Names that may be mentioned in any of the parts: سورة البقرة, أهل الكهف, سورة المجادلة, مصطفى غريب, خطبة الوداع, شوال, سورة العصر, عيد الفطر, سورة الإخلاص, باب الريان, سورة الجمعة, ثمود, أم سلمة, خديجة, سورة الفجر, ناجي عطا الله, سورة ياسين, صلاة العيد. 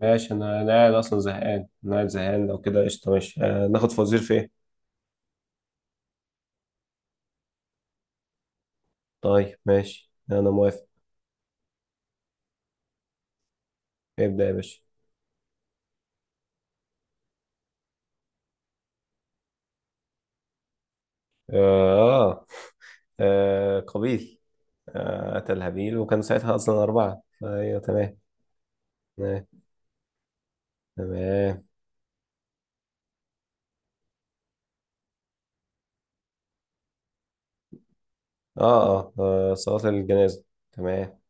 ماشي، انا قاعد اصلا زهقان انا قاعد زهقان لو كده قشطه. ماشي، ناخد فوازير في ايه؟ طيب ماشي انا موافق. ابدا يا باشا. اه, قابيل. اتى الهابيل وكانوا ساعتها اصلا اربعه. ايوه تمام. تمام. تمام. صلاه الجنازه. تمام.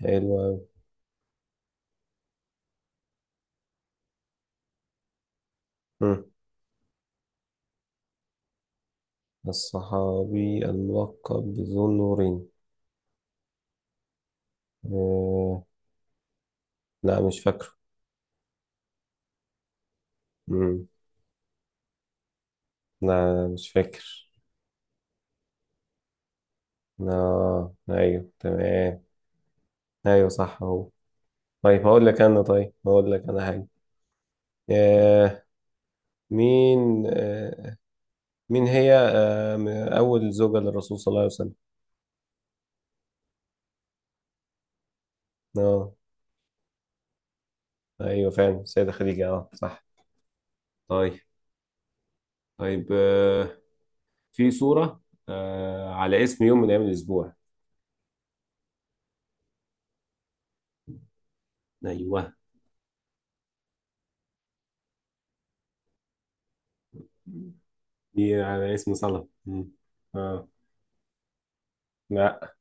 حلو أوي. مم. الصحابي الملقب بذو النورين. آه. لا مش فاكره. مم. لا مش فاكر. اه ايوه تمام. ايوه صح هو. طيب، هقول لك انا حاجه. آه مين آه مين هي اول زوجة للرسول صلى الله عليه وسلم. اه ايوه فعلا السيدة خديجة. اه صح. طيب. طيب. في سورة على اسم يوم من ايام الاسبوع. ايوه، دي على اسم صلاة. مم. اه لا،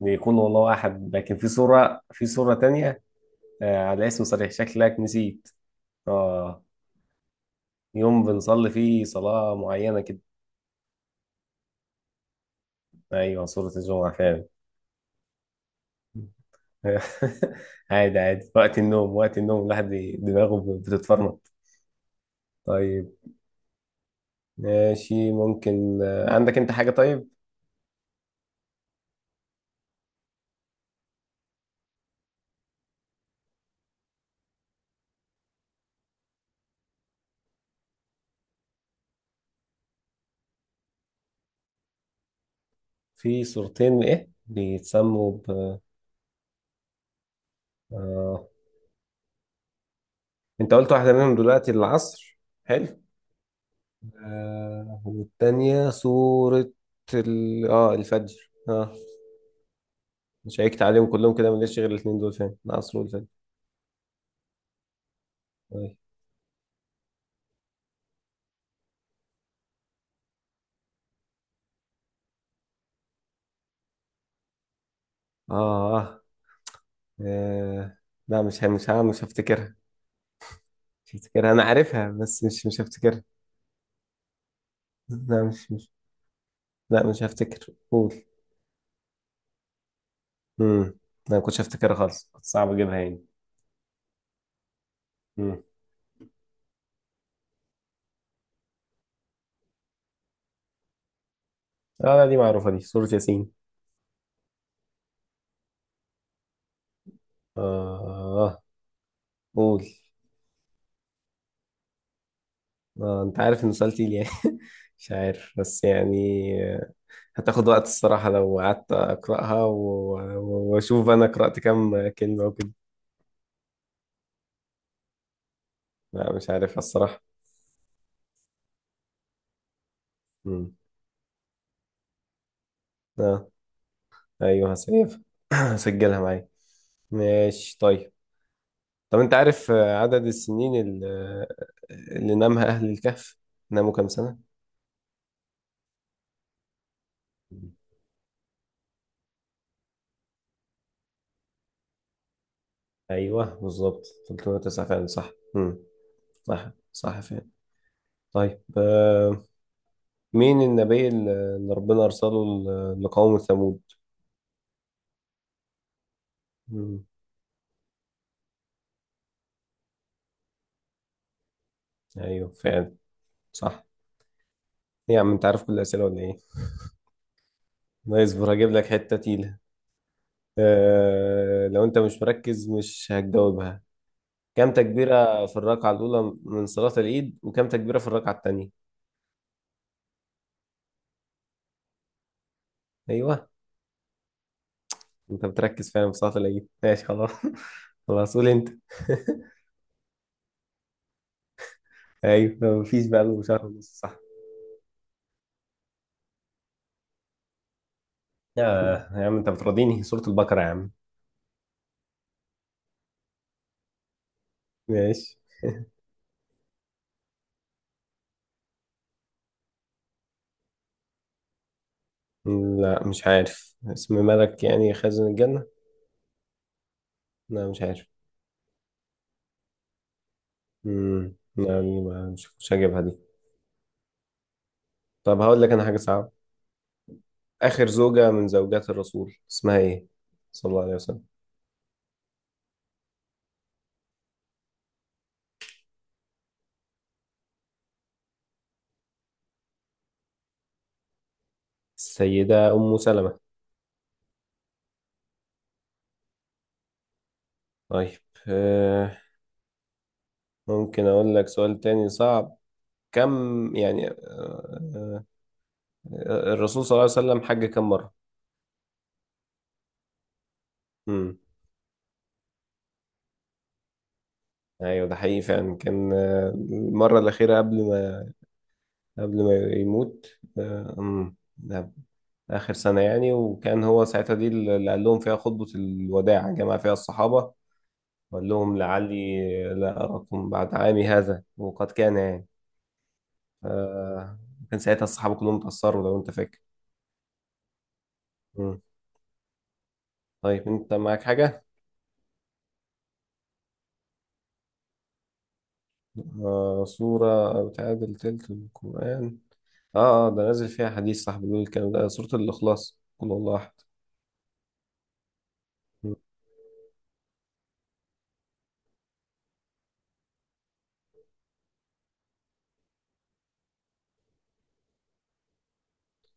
بيكون والله احد، لكن في صورة تانية. على اسم صريح، شكلك نسيت. اه، يوم بنصلي فيه صلاة معينة كده. ايوه، صورة الجمعة فعلا. عادي عادي، وقت النوم وقت النوم الواحد دماغه بتتفرمط. طيب ماشي، ممكن، عندك انت حاجة؟ طيب. في صورتين، ايه بيتسموا ب؟ آه. انت قلت واحدة منهم دلوقتي العصر. حلو. آه. والتانية صورة ال... اه الفجر، اه. شيكت عليهم كلهم كده، مليش غير الاتنين دول، فين العصر والفجر. طيب. اه اه آه، لا، مش هفتكرها. مش هفتكرها، انا عارفها بس مش هفتكرها. لا مش. لا مش هفتكر، قول. امم لا، ما كنتش هفتكرها خالص، كنت صعب اجيبها يعني. امم اه، لا دي معروفة، دي سورة ياسين. اه. قول. انت عارف انه سؤال تقيل يعني. مش عارف بس يعني. آه، هتاخد وقت الصراحة لو قعدت اقراها واشوف انا قرأت كام كلمة وكده. لا مش عارفها الصراحة. امم اه ايوه، هسيبها. هسجلها معايا. ماشي طيب. طب انت عارف، عدد السنين اللي نامها اهل الكهف؟ ناموا كام سنة؟ ايوه بالظبط، 309 فعلا صح. امم صح صح فعلا. طيب، مين النبي اللي ربنا ارسله لقوم ثمود؟ مم. ايوه فعلا صح. ايه يا عم، انت عارف كل الاسئله ولا ايه؟ لا اصبر، هجيب لك حته تقيله. لو انت مش مركز مش هتجاوبها. كم تكبيره في الركعه الاولى من صلاه العيد، وكم تكبيره في الركعه الثانيه؟ ايوه. انت بتركز فعلا في صلاة العيد، ماشي خلاص. خلاص، قول انت. ايوه مفيش بقى له شهر ونص، صح؟ يا عم انت بتراضيني، سورة البقرة يا عم. ماشي. لا مش عارف اسم ملك يعني خازن الجنة. لا مش عارف. يعني مش هجيبها دي. طب هقول لك انا حاجة صعبة. آخر زوجة من زوجات الرسول اسمها ايه، صلى الله عليه وسلم؟ السيدة أم سلمة. طيب. آه ممكن اقول لك سؤال تاني صعب. كم يعني آه الرسول صلى الله عليه وسلم حج كم مرة؟ امم ايوه، ده حقيقي فعلا. كان، المرة الأخيرة قبل ما يموت. ده آخر سنة يعني، وكان هو ساعتها دي اللي قال لهم فيها خطبة الوداع، جمع فيها الصحابة وقال لهم لعلي لا أراكم بعد عامي هذا، وقد كان يعني. آه، كان ساعتها الصحابة كلهم اتأثروا، لو أنت فاكر. مم. طيب أنت معاك حاجة؟ سورة بتعادل تلت القرآن. اه اه، ده نازل فيها حديث صاحبي بيقول الكلام ده، سورة الإخلاص، قل هو الله أحد.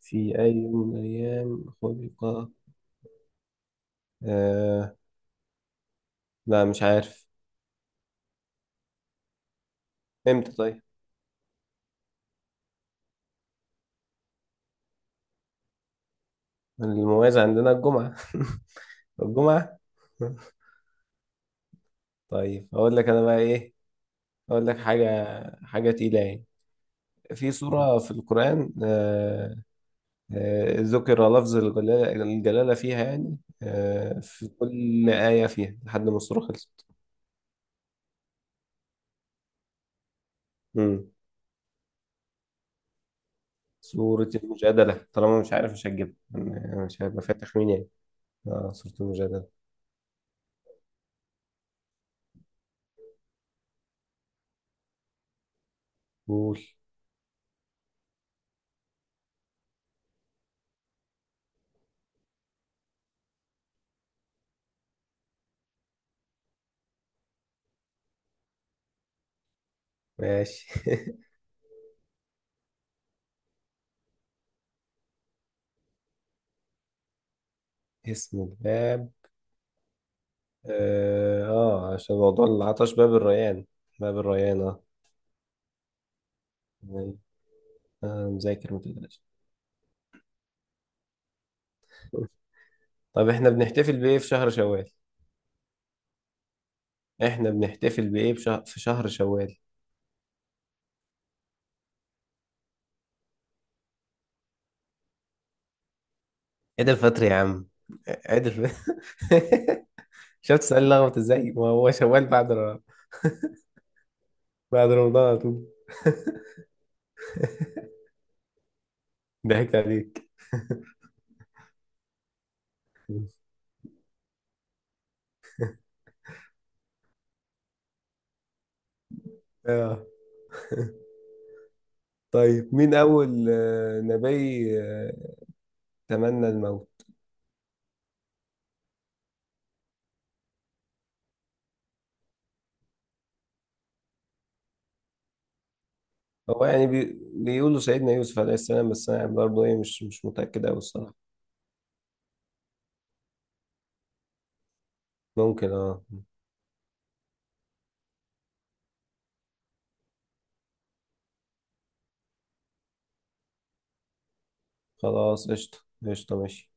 في أي يوم من الأيام خلق؟ آه لا مش عارف. امتى طيب؟ المميز عندنا الجمعة. الجمعة. طيب أقول لك أنا بقى إيه. أقول لك حاجة، حاجة تقيلة يعني. في سورة في القرآن، ذكر لفظ الجلالة, فيها يعني، في كل آية فيها لحد ما السورة خلصت. مم. سورة المجادلة، طالما مش عارف مش هتجيبها. أنا مش هيبقى فاتح مين يعني. اه سورة المجادلة. قول. ماشي. اسم الباب. عشان موضوع العطش، باب الريان. باب الريان، اه. تمام. مذاكر ما تقلقش. طب احنا بنحتفل بإيه في شهر شوال؟ احنا بنحتفل بإيه في شهر شوال؟ عيد الفطر يا عم. عيد الفطر. شفت سؤال لخبط ازاي؟ ما هو شوال بعد بعد رمضان على طول. ضحكت عليك. طيب، مين أول، نبي، تمنى الموت؟ هو يعني بيقولوا سيدنا يوسف عليه السلام، بس أنا برضه إيه مش متأكد أوي الصراحة. ممكن خلاص قشطة. قشطة ماشي.